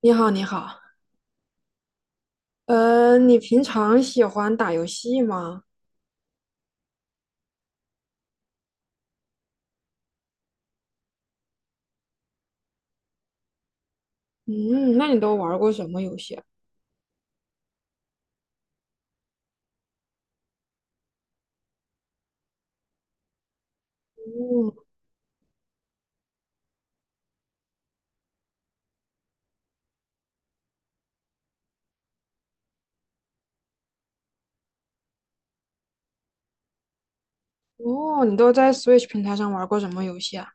你好，你好，你平常喜欢打游戏吗？嗯，那你都玩过什么游戏啊？嗯，哦，你都在 Switch 平台上玩过什么游戏啊？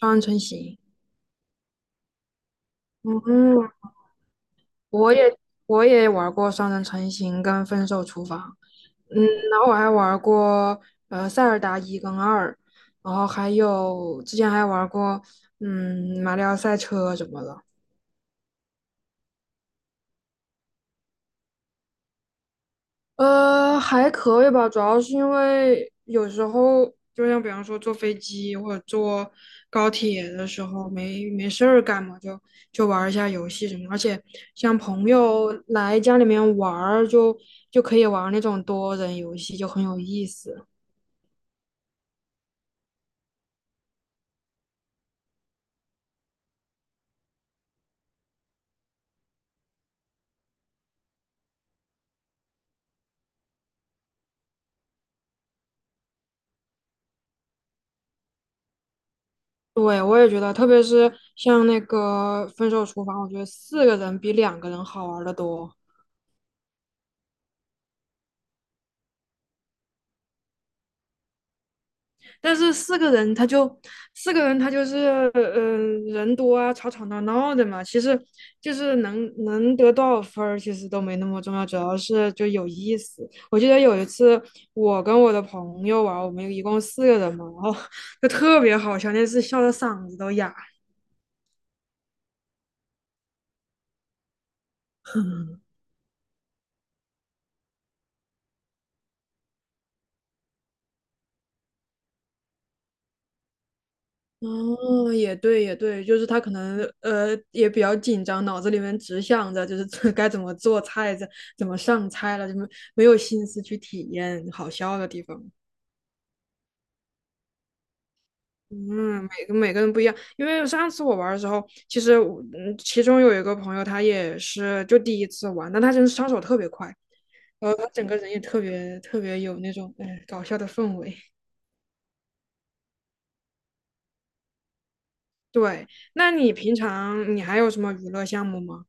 双人成行。嗯，我也我也玩过双人成行跟分手厨房。嗯，然后我还玩过塞尔达一跟二，然后还有之前还玩过马里奥赛车什么的。还可以吧，主要是因为有时候，就像比方说坐飞机或者坐高铁的时候，没事儿干嘛，就玩儿一下游戏什么。而且像朋友来家里面玩儿，就可以玩儿那种多人游戏，就很有意思。对，我也觉得，特别是像那个《分手厨房》，我觉得四个人比两个人好玩的多。但是四个人他就四个人他就是人多啊，吵吵闹闹的嘛。其实就是能得多少分儿，其实都没那么重要，主要是就有意思。我记得有一次我跟我的朋友玩我们一共四个人嘛，然后就特别好笑，那次笑的嗓子都哑。哦，也对，也对，就是他可能也比较紧张，脑子里面只想着就是 该怎么做菜，怎么上菜了，就没有心思去体验好笑的地方。嗯，每个人不一样，因为上次我玩儿的时候，其实我其中有一个朋友他也是就第一次玩，但他真是上手特别快，然后他整个人也特别特别有那种哎搞笑的氛围。对，那你平常你还有什么娱乐项目吗？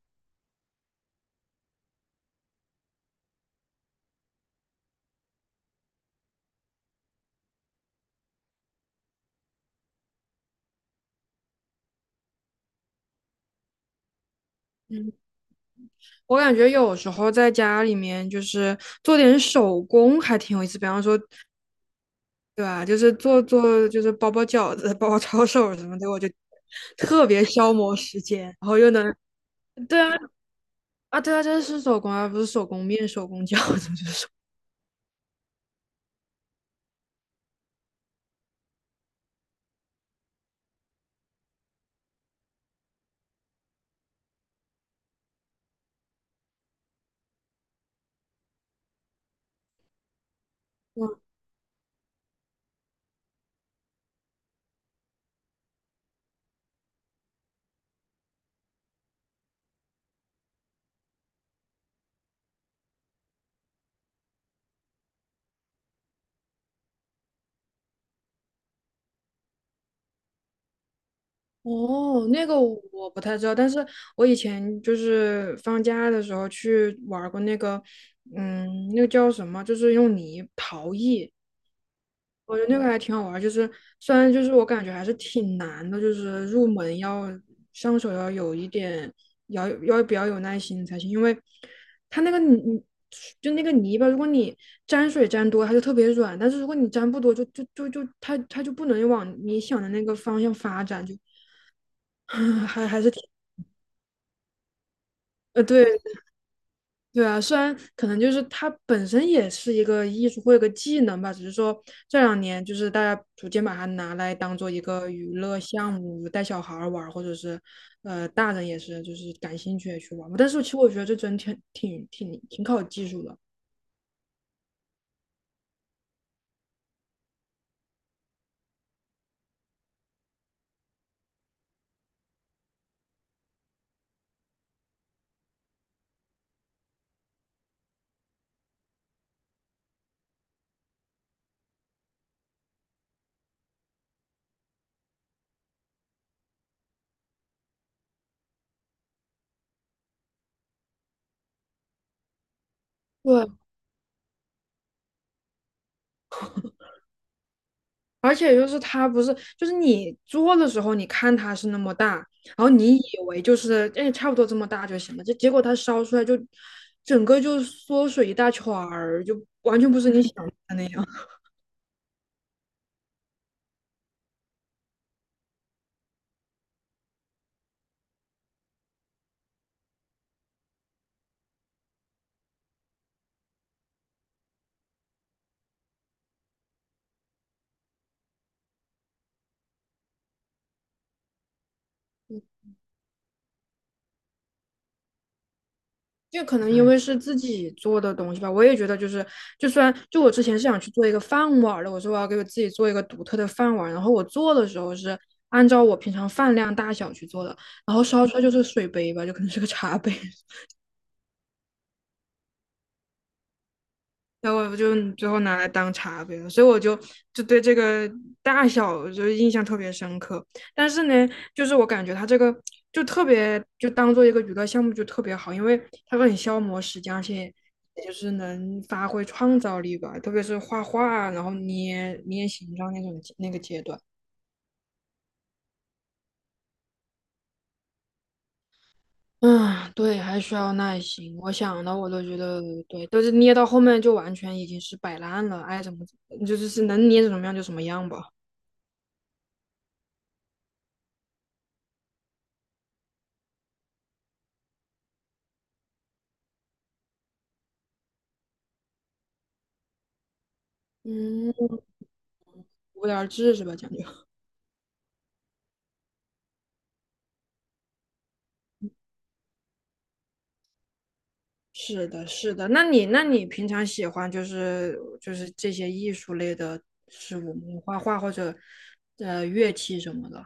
我感觉有时候在家里面就是做点手工还挺有意思，比方说，对吧？就是做做就是包饺子、包抄手什么的，我就特别消磨时间，然后又能。对啊，啊，对啊，这是手工啊，不是手工面、手工饺子，就是手。工。哦，那个我不太知道，但是我以前就是放假的时候去玩儿过那个，嗯，那个叫什么，就是用泥陶艺，我觉得那个还挺好玩儿，就是虽然就是我感觉还是挺难的，就是入门要上手要有一点，要比较有耐心才行，因为它那个泥就那个泥巴，如果你沾水沾多，它就特别软，但是如果你沾不多，就它就不能往你想的那个方向发展，就 还是挺对对啊，虽然可能就是它本身也是一个艺术或一个技能吧，只是说这两年就是大家逐渐把它拿来当做一个娱乐项目，带小孩儿玩儿或者是大人也是就是感兴趣也去玩儿。但是其实我觉得这真挺考技术的。对，而且就是它不是就是你做的时候，你看它是那么大，然后你以为就是哎差不多这么大就行了，这结果它烧出来就整个就缩水一大圈儿，就完全不是你想的那样。就可能因为是自己做的东西吧，嗯我也觉得就是，就算就我之前是想去做一个饭碗的，我说我要给我自己做一个独特的饭碗然后我做的时候是按照我平常饭量大小去做的，然后烧出来就是水杯吧，就可能是个茶杯。然后我就最后拿来当茶杯了，所以我就就对这个大小就是印象特别深刻。但是呢，就是我感觉它这个就特别就当做一个娱乐项目就特别好，因为它很消磨时间，而且也就是能发挥创造力吧，特别是画画啊，然后捏捏形状那种那个阶段。嗯，对，还需要耐心。我想到我都觉得，对，都是捏到后面就完全已经是摆烂了，爱怎么怎么，就是是能捏成什么样就什么样吧。嗯。无聊至是吧？讲究。是的，是的。那你，那你平常喜欢就是就是这些艺术类的事物吗？画画或者乐器什么的？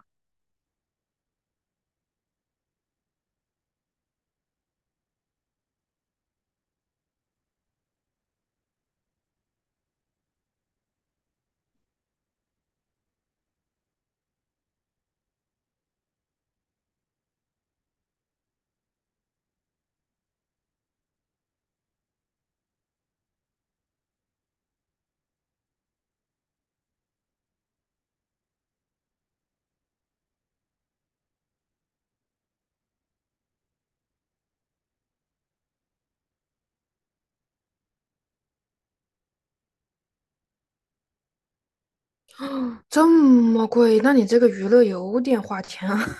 这么贵？那你这个娱乐有点花钱啊。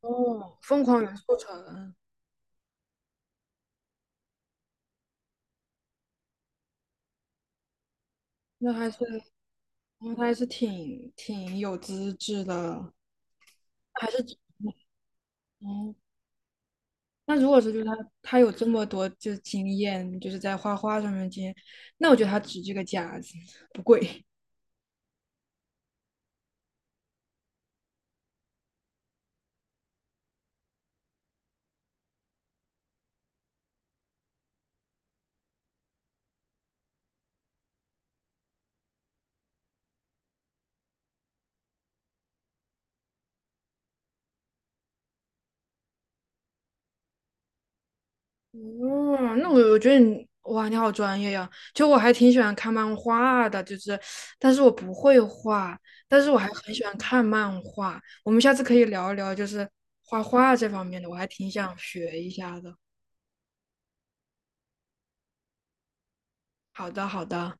哦，疯狂元素城，那还是那还是挺挺有资质的，还是嗯。那如果是就是他他有这么多就是经验，就是在画画上面经验，那我觉得他值这个价子，不贵。哦，那我我觉得你哇，你好专业呀！就我还挺喜欢看漫画的，就是，但是我不会画，但是我还很喜欢看漫画。我们下次可以聊一聊，就是画画这方面的，我还挺想学一下的。好的，好的。